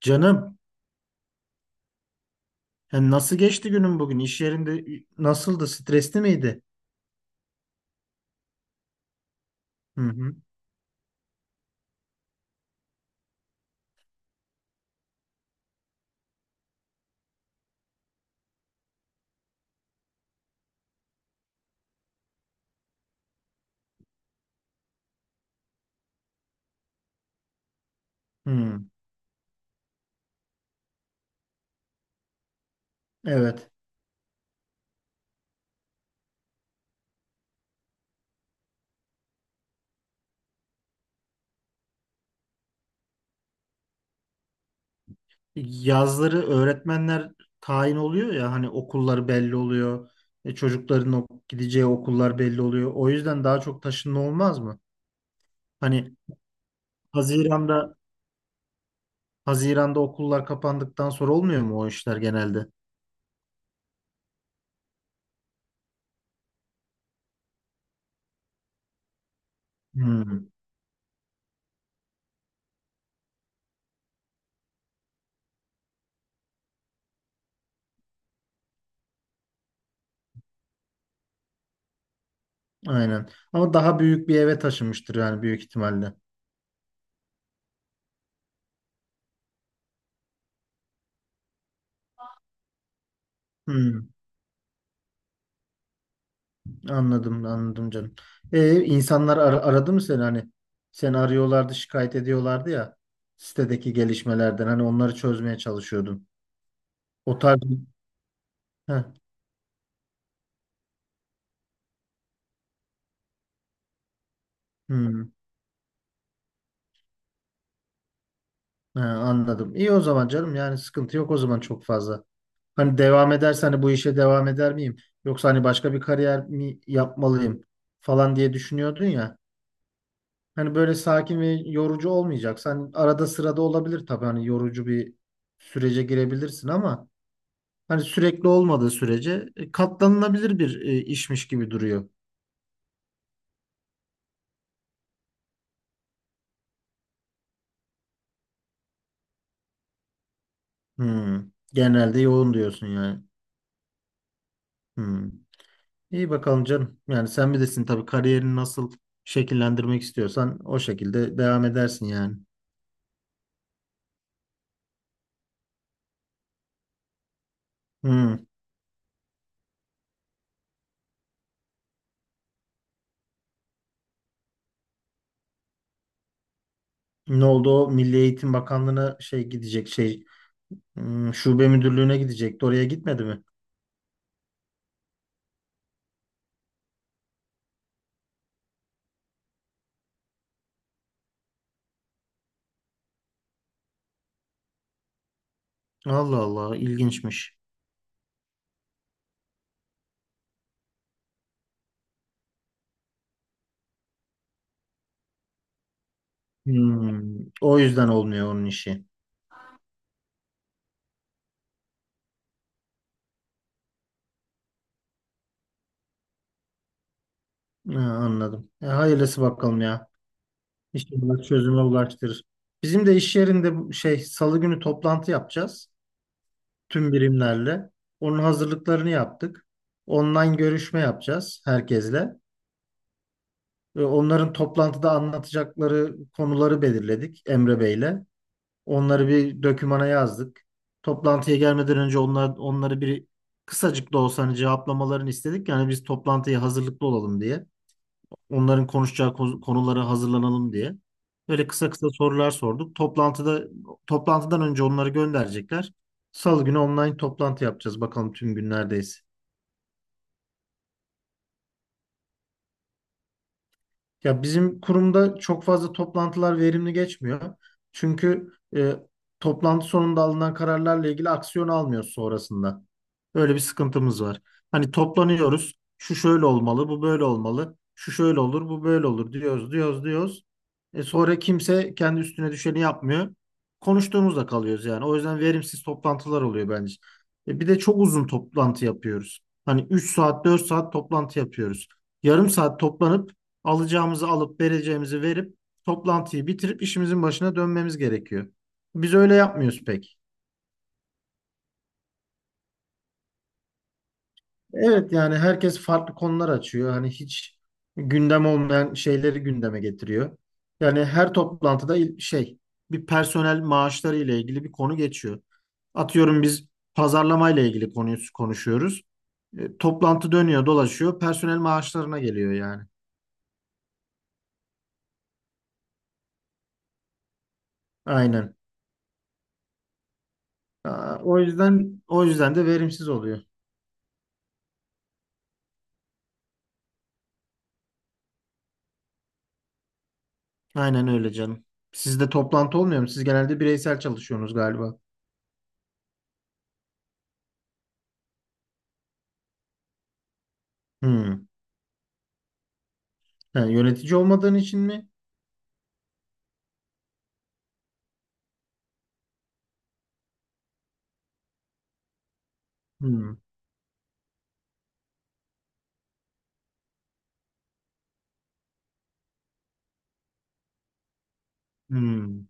Canım, yani nasıl geçti günün bugün? İş yerinde nasıldı? Stresli miydi? Hı hı. Hı. Evet. Yazları öğretmenler tayin oluyor ya hani okullar belli oluyor. Çocukların gideceği okullar belli oluyor. O yüzden daha çok taşınma olmaz mı? Hani Haziran'da Haziran'da okullar kapandıktan sonra olmuyor mu o işler genelde? Hı. Aynen. Ama daha büyük bir eve taşınmıştır yani büyük ihtimalle. Hı. Anladım, anladım canım. İnsanlar aradı mı seni hani? Seni arıyorlardı, şikayet ediyorlardı ya sitedeki gelişmelerden. Hani onları çözmeye çalışıyordun. O tarz. Heh, hmm, he, anladım. İyi o zaman canım. Yani sıkıntı yok o zaman çok fazla. Hani devam edersen hani bu işe devam eder miyim? Yoksa hani başka bir kariyer mi yapmalıyım falan diye düşünüyordun ya. Hani böyle sakin ve yorucu olmayacaksa hani arada sırada olabilir tabii hani yorucu bir sürece girebilirsin ama hani sürekli olmadığı sürece katlanılabilir bir işmiş gibi duruyor. Hmm. Genelde yoğun diyorsun yani. Hmm. İyi bakalım canım. Yani sen bilirsin tabii kariyerini nasıl şekillendirmek istiyorsan o şekilde devam edersin yani. Hmm. Ne oldu o Milli Eğitim Bakanlığı'na şey gidecek şey şube müdürlüğüne gidecekti. Oraya gitmedi mi? Allah Allah ilginçmiş. Hmm. O yüzden olmuyor onun işi. Ha, anladım. Hayırlısı bakalım ya. İnşallah çözüme ulaştırır. Bizim de iş yerinde bu şey Salı günü toplantı yapacağız tüm birimlerle. Onun hazırlıklarını yaptık. Online görüşme yapacağız herkesle. Ve onların toplantıda anlatacakları konuları belirledik Emre Bey'le. Onları bir dokümana yazdık. Toplantıya gelmeden önce onlar onları bir kısacık da olsa hani cevaplamalarını istedik. Yani biz toplantıya hazırlıklı olalım diye. Onların konuşacağı konulara hazırlanalım diye. Böyle kısa kısa sorular sorduk. Toplantıda toplantıdan önce onları gönderecekler. Salı günü online toplantı yapacağız. Bakalım tüm gün neredeyiz. Ya bizim kurumda çok fazla toplantılar verimli geçmiyor. Çünkü e, toplantı sonunda alınan kararlarla ilgili aksiyon almıyoruz sonrasında. Öyle bir sıkıntımız var. Hani toplanıyoruz. Şu şöyle olmalı, bu böyle olmalı. Şu şöyle olur, bu böyle olur diyoruz, diyoruz, diyoruz. Sonra kimse kendi üstüne düşeni yapmıyor. Konuştuğumuzda kalıyoruz yani. O yüzden verimsiz toplantılar oluyor bence. Bir de çok uzun toplantı yapıyoruz. Hani 3 saat, 4 saat toplantı yapıyoruz. Yarım saat toplanıp alacağımızı alıp vereceğimizi verip toplantıyı bitirip işimizin başına dönmemiz gerekiyor. Biz öyle yapmıyoruz pek. Evet yani herkes farklı konular açıyor. Hani hiç gündem olmayan şeyleri gündeme getiriyor. Yani her toplantıda şey bir personel maaşları ile ilgili bir konu geçiyor. Atıyorum biz pazarlama ile ilgili konuyu konuşuyoruz. Toplantı dönüyor, dolaşıyor, personel maaşlarına geliyor yani. Aynen. Aa, o yüzden de verimsiz oluyor. Aynen öyle canım. Sizde toplantı olmuyor mu? Siz genelde bireysel çalışıyorsunuz galiba. Hmm. Ha, yönetici olmadığın için mi? Hmm. Hmm.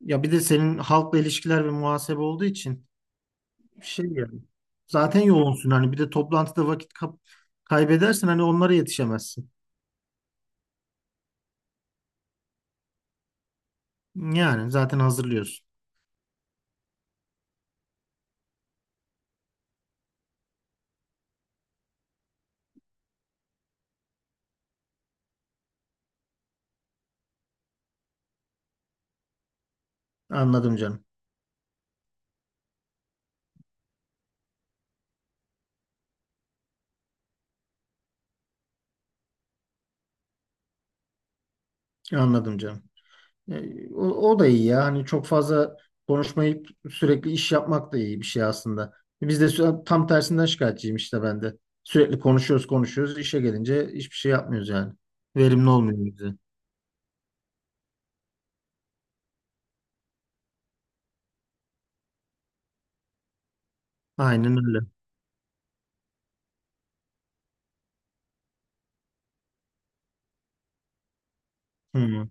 Ya bir de senin halkla ilişkiler ve muhasebe olduğu için şey yani. Zaten yoğunsun hani bir de toplantıda vakit kaybedersen hani onlara yetişemezsin. Yani zaten hazırlıyorsun. Anladım canım. Anladım canım. O da iyi ya. Hani çok fazla konuşmayıp sürekli iş yapmak da iyi bir şey aslında. Biz de tam tersinden şikayetçiyim işte ben de. Sürekli konuşuyoruz konuşuyoruz. İşe gelince hiçbir şey yapmıyoruz yani. Verimli olmuyor bize. Aynen öyle. Hı,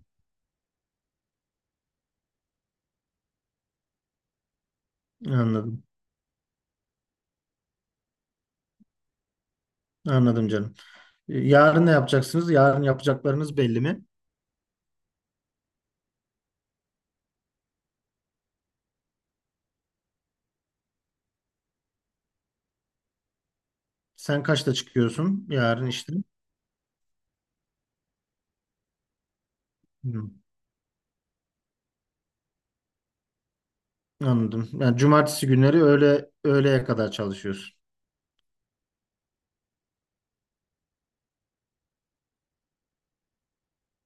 anladım. Anladım canım. Yarın ne yapacaksınız? Yarın yapacaklarınız belli mi? Sen kaçta çıkıyorsun yarın işte? Hı, anladım. Yani cumartesi günleri öğle öğleye kadar çalışıyorsun.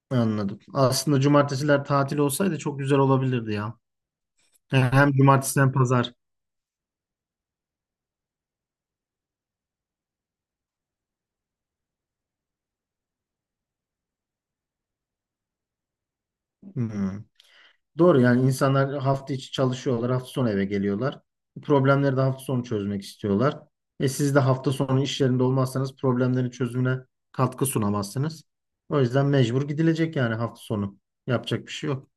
Anladım. Aslında cumartesiler tatil olsaydı çok güzel olabilirdi ya. Yani hem cumartesi hem pazar. Hmm. Doğru yani insanlar hafta içi çalışıyorlar, hafta sonu eve geliyorlar. Problemleri de hafta sonu çözmek istiyorlar. Siz de hafta sonu iş yerinde olmazsanız problemlerin çözümüne katkı sunamazsınız. O yüzden mecbur gidilecek yani hafta sonu. Yapacak bir şey yok.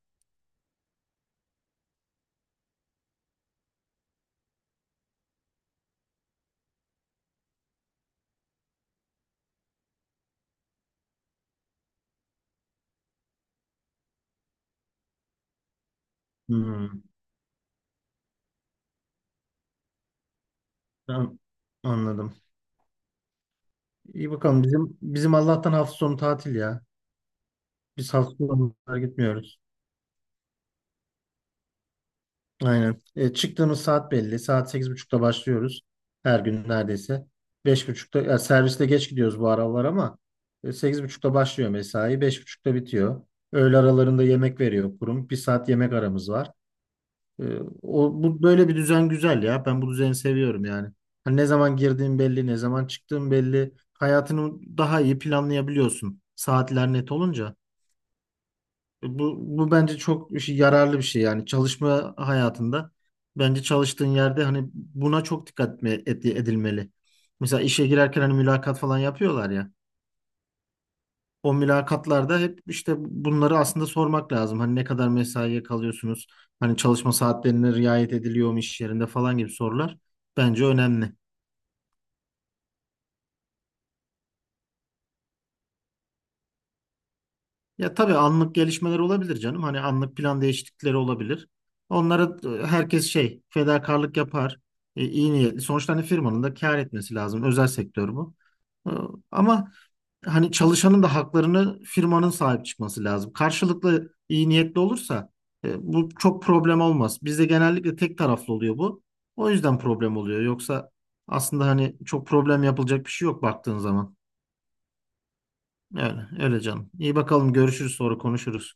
Hmm, ben anladım. İyi bakalım bizim Allah'tan hafta sonu tatil ya. Biz hafta sonu gitmiyoruz. Aynen. Çıktığımız saat belli. Saat 8:30'da başlıyoruz. Her gün neredeyse. 5.30'da ya serviste geç gidiyoruz bu aralar ama e, sekiz buçukta başlıyor mesai. Beş buçukta bitiyor. Öğle aralarında yemek veriyor kurum. Bir saat yemek aramız var. E, bu böyle bir düzen güzel ya. Ben bu düzeni seviyorum yani. Hani ne zaman girdiğin belli, ne zaman çıktığın belli. Hayatını daha iyi planlayabiliyorsun. Saatler net olunca. Bu bence çok yararlı bir şey yani çalışma hayatında. Bence çalıştığın yerde hani buna çok dikkat edilmeli. Mesela işe girerken hani mülakat falan yapıyorlar ya. O mülakatlarda hep işte bunları aslında sormak lazım. Hani ne kadar mesaiye kalıyorsunuz? Hani çalışma saatlerine riayet ediliyor mu iş yerinde falan gibi sorular bence önemli. Ya tabii anlık gelişmeler olabilir canım. Hani anlık plan değişiklikleri olabilir. Onlara herkes şey fedakarlık yapar. İyi niyetli. Sonuçta hani firmanın da kâr etmesi lazım. Özel sektör bu. E, Ama hani çalışanın da haklarını firmanın sahip çıkması lazım. Karşılıklı iyi niyetli olursa bu çok problem olmaz. Bizde genellikle tek taraflı oluyor bu. O yüzden problem oluyor. Yoksa aslında hani çok problem yapılacak bir şey yok baktığın zaman. Öyle, öyle canım. İyi bakalım görüşürüz sonra konuşuruz.